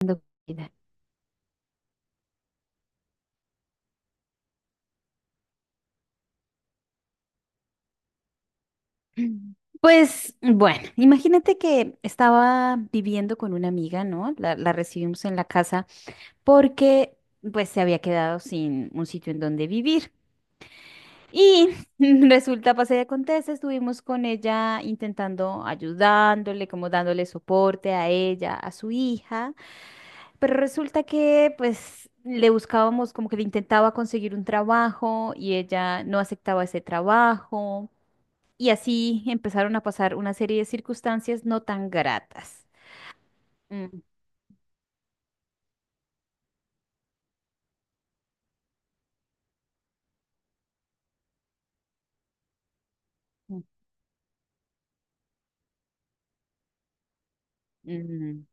Dando vida. Pues bueno, imagínate que estaba viviendo con una amiga, ¿no? La recibimos en la casa porque pues se había quedado sin un sitio en donde vivir. Y resulta, pasa y acontece, estuvimos con ella intentando ayudándole, como dándole soporte a ella, a su hija, pero resulta que pues le buscábamos, como que le intentaba conseguir un trabajo y ella no aceptaba ese trabajo. Y así empezaron a pasar una serie de circunstancias no tan gratas. Mm, mm, mm.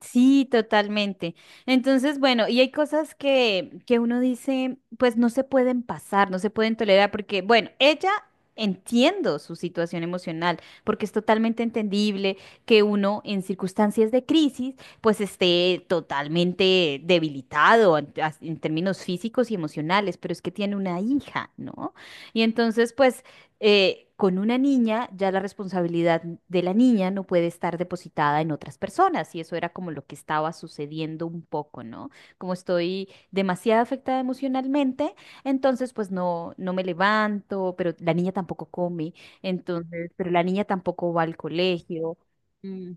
Sí, totalmente. Entonces, bueno, y hay cosas que uno dice, pues no se pueden pasar, no se pueden tolerar, porque, bueno, ella entiendo su situación emocional, porque es totalmente entendible que uno en circunstancias de crisis, pues esté totalmente debilitado en términos físicos y emocionales, pero es que tiene una hija, ¿no? Y entonces, pues con una niña, ya la responsabilidad de la niña no puede estar depositada en otras personas, y eso era como lo que estaba sucediendo un poco, ¿no? Como estoy demasiado afectada emocionalmente, entonces pues no, no me levanto, pero la niña tampoco come, entonces, pero la niña tampoco va al colegio. Ujú.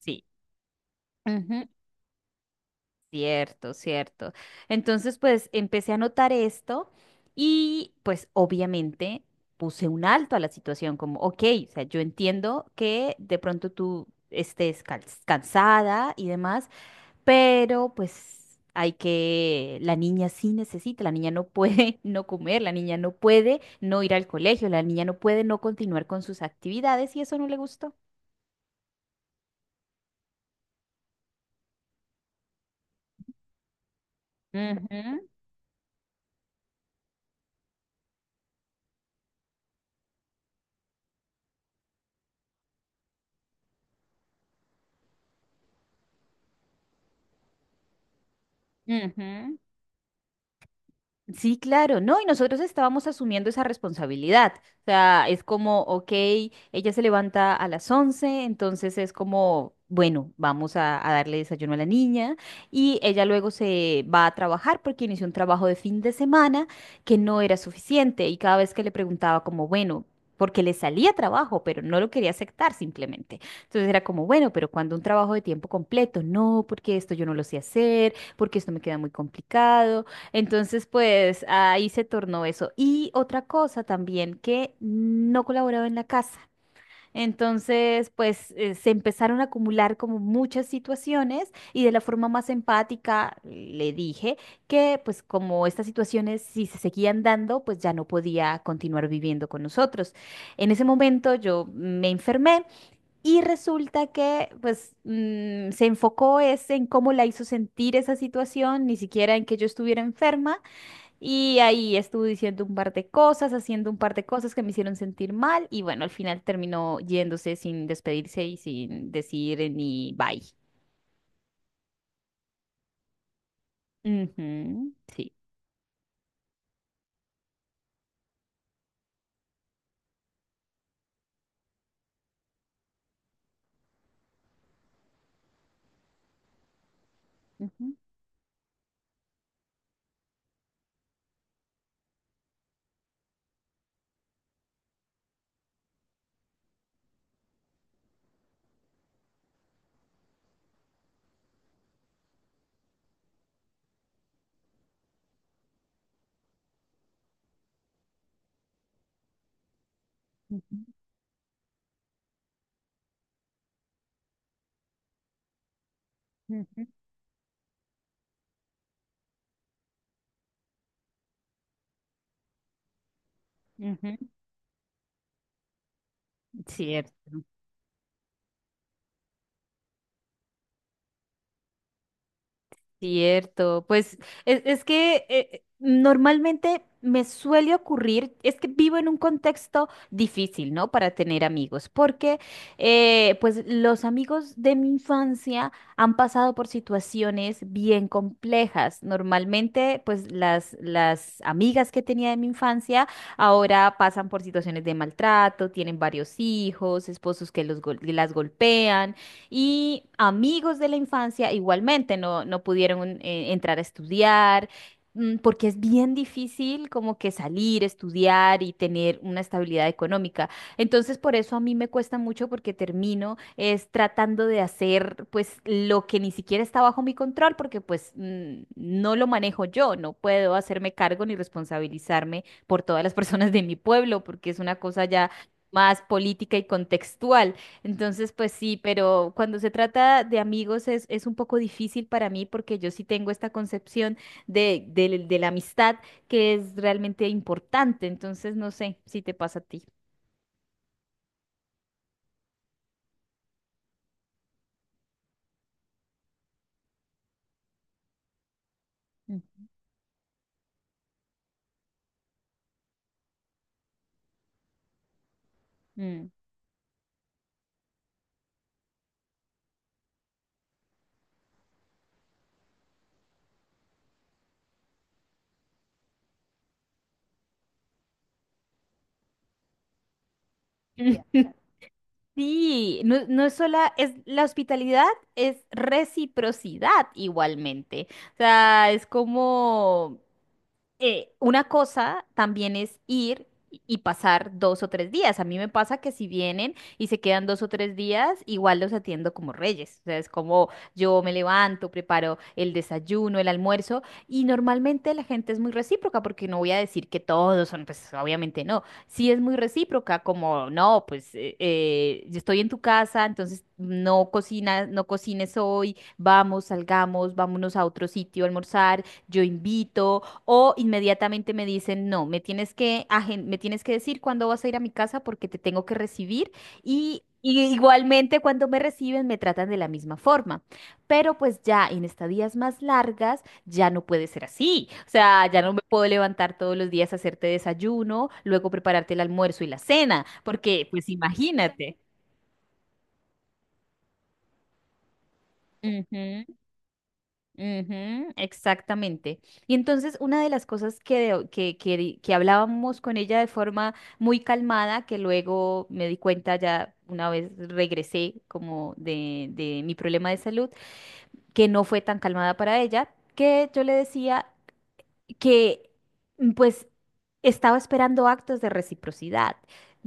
Sí. Ujú. Cierto, cierto. Entonces, pues empecé a notar esto y pues obviamente puse un alto a la situación, como, ok, o sea, yo entiendo que de pronto tú estés cansada y demás, pero pues hay que, la niña sí necesita, la niña no puede no comer, la niña no puede no ir al colegio, la niña no puede no continuar con sus actividades y eso no le gustó. Ujú, ujú. Sí, claro, ¿no? Y nosotros estábamos asumiendo esa responsabilidad. O sea, es como, ok, ella se levanta a las 11, entonces es como, bueno, vamos a darle desayuno a la niña y ella luego se va a trabajar porque inició un trabajo de fin de semana que no era suficiente y cada vez que le preguntaba como, bueno, porque le salía trabajo, pero no lo quería aceptar simplemente. Entonces era como, bueno, pero cuando un trabajo de tiempo completo, no, porque esto yo no lo sé hacer, porque esto me queda muy complicado. Entonces, pues ahí se tornó eso. Y otra cosa también, que no colaboraba en la casa. Entonces, pues se empezaron a acumular como muchas situaciones y de la forma más empática le dije que pues como estas situaciones si se seguían dando, pues ya no podía continuar viviendo con nosotros. En ese momento yo me enfermé y resulta que pues se enfocó es en cómo la hizo sentir esa situación, ni siquiera en que yo estuviera enferma y ahí estuve diciendo un par de cosas, haciendo un par de cosas que me hicieron sentir mal y bueno, al final terminó yéndose sin despedirse y sin decir ni bye. Ujú. Sí. Ujú, ujú, ujú, ujú. Cierto. Cierto, pues es que normalmente me suele ocurrir, es que vivo en un contexto difícil, ¿no? Para tener amigos, porque pues los amigos de mi infancia han pasado por situaciones bien complejas. Normalmente pues las amigas que tenía de mi infancia ahora pasan por situaciones de maltrato, tienen varios hijos, esposos que los las golpean y amigos de la infancia igualmente no, no pudieron entrar a estudiar, porque es bien difícil como que salir, estudiar y tener una estabilidad económica. Entonces, por eso a mí me cuesta mucho porque termino es tratando de hacer pues lo que ni siquiera está bajo mi control porque pues no lo manejo yo, no puedo hacerme cargo ni responsabilizarme por todas las personas de mi pueblo porque es una cosa ya más política y contextual. Entonces, pues sí, pero cuando se trata de amigos es un poco difícil para mí porque yo sí tengo esta concepción de la amistad que es realmente importante. Entonces, no sé si te pasa a ti. Ujú. Mm. Sí, no, no es sola, es la hospitalidad es reciprocidad igualmente. O sea, es como una cosa también es ir y pasar dos o tres días. A mí me pasa que si vienen y se quedan dos o tres días, igual los atiendo como reyes. O sea, es como yo me levanto, preparo el desayuno, el almuerzo y normalmente la gente es muy recíproca porque no voy a decir que todos son, pues obviamente no. Sí es muy recíproca como, no, pues yo estoy en tu casa, entonces no cocinas, no cocines hoy, vamos, salgamos, vámonos a otro sitio a almorzar, yo invito. O inmediatamente me dicen, no, me tienes que, me tienes que decir cuándo vas a ir a mi casa porque te tengo que recibir. Y igualmente cuando me reciben me tratan de la misma forma. Pero pues ya en estadías más largas ya no puede ser así. O sea, ya no me puedo levantar todos los días a hacerte desayuno, luego prepararte el almuerzo y la cena, porque pues imagínate. Ujú, exactamente. Y entonces una de las cosas que hablábamos con ella de forma muy calmada, que luego me di cuenta ya una vez regresé como de mi problema de salud, que no fue tan calmada para ella, que yo le decía que pues estaba esperando actos de reciprocidad,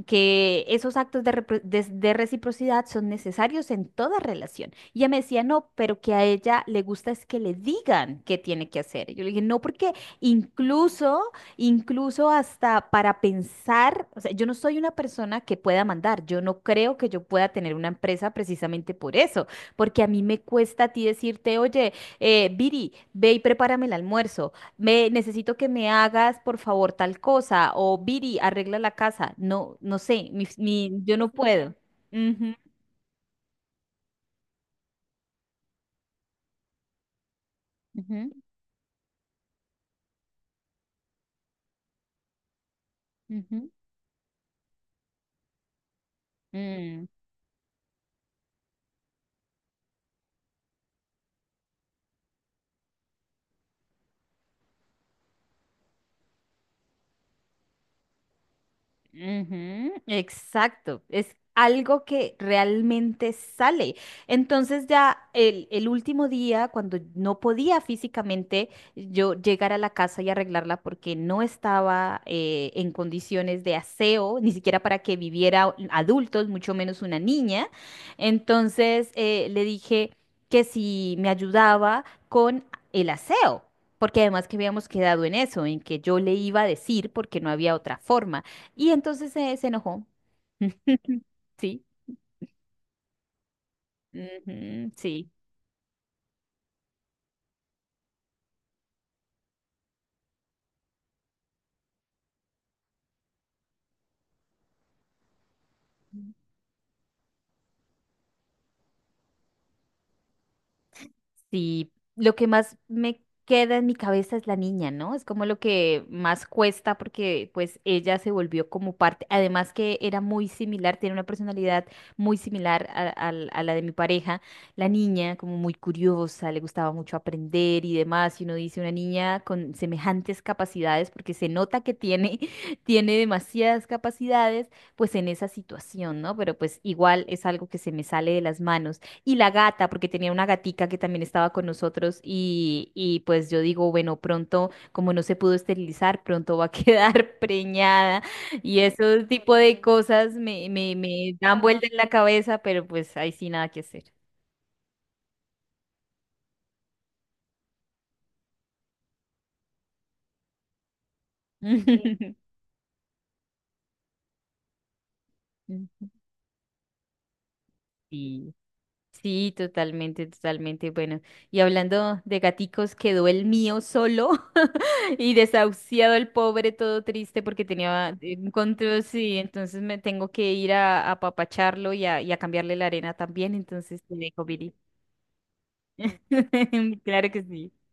que esos actos de reciprocidad son necesarios en toda relación. Y ella me decía, no, pero que a ella le gusta es que le digan qué tiene que hacer. Y yo le dije, no, porque incluso, incluso hasta para pensar, o sea, yo no soy una persona que pueda mandar, yo no creo que yo pueda tener una empresa precisamente por eso, porque a mí me cuesta a ti decirte, oye, Viri, ve y prepárame el almuerzo. Me necesito que me hagas, por favor, tal cosa, o Viri, arregla la casa. No, no sé, yo no puedo. Ujú, ujú, ujú. Mm. Ujú, exacto, es algo que realmente sale. Entonces ya el último día, cuando no podía físicamente yo llegar a la casa y arreglarla porque no estaba en condiciones de aseo, ni siquiera para que viviera adultos, mucho menos una niña, entonces le dije que si me ayudaba con el aseo. Porque además que habíamos quedado en eso, en que yo le iba a decir porque no había otra forma. Y entonces se enojó. Sí, ujú, sí. Sí, lo que más me queda en mi cabeza es la niña, ¿no? Es como lo que más cuesta porque pues ella se volvió como parte, además que era muy similar, tiene una personalidad muy similar a la de mi pareja, la niña como muy curiosa, le gustaba mucho aprender y demás, y uno dice una niña con semejantes capacidades porque se nota que tiene, tiene demasiadas capacidades pues en esa situación, ¿no? Pero pues igual es algo que se me sale de las manos. Y la gata, porque tenía una gatica que también estaba con nosotros y pues yo digo, bueno, pronto, como no se pudo esterilizar, pronto va a quedar preñada y esos tipo de cosas me dan vuelta en la cabeza, pero pues ahí sí nada que hacer. Sí. Sí, totalmente, totalmente. Bueno, y hablando de gaticos, quedó el mío solo y desahuciado el pobre, todo triste porque tenía encontró, sí, entonces me tengo que ir a apapacharlo y a cambiarle la arena también, entonces te dejo, Viri. Claro que sí.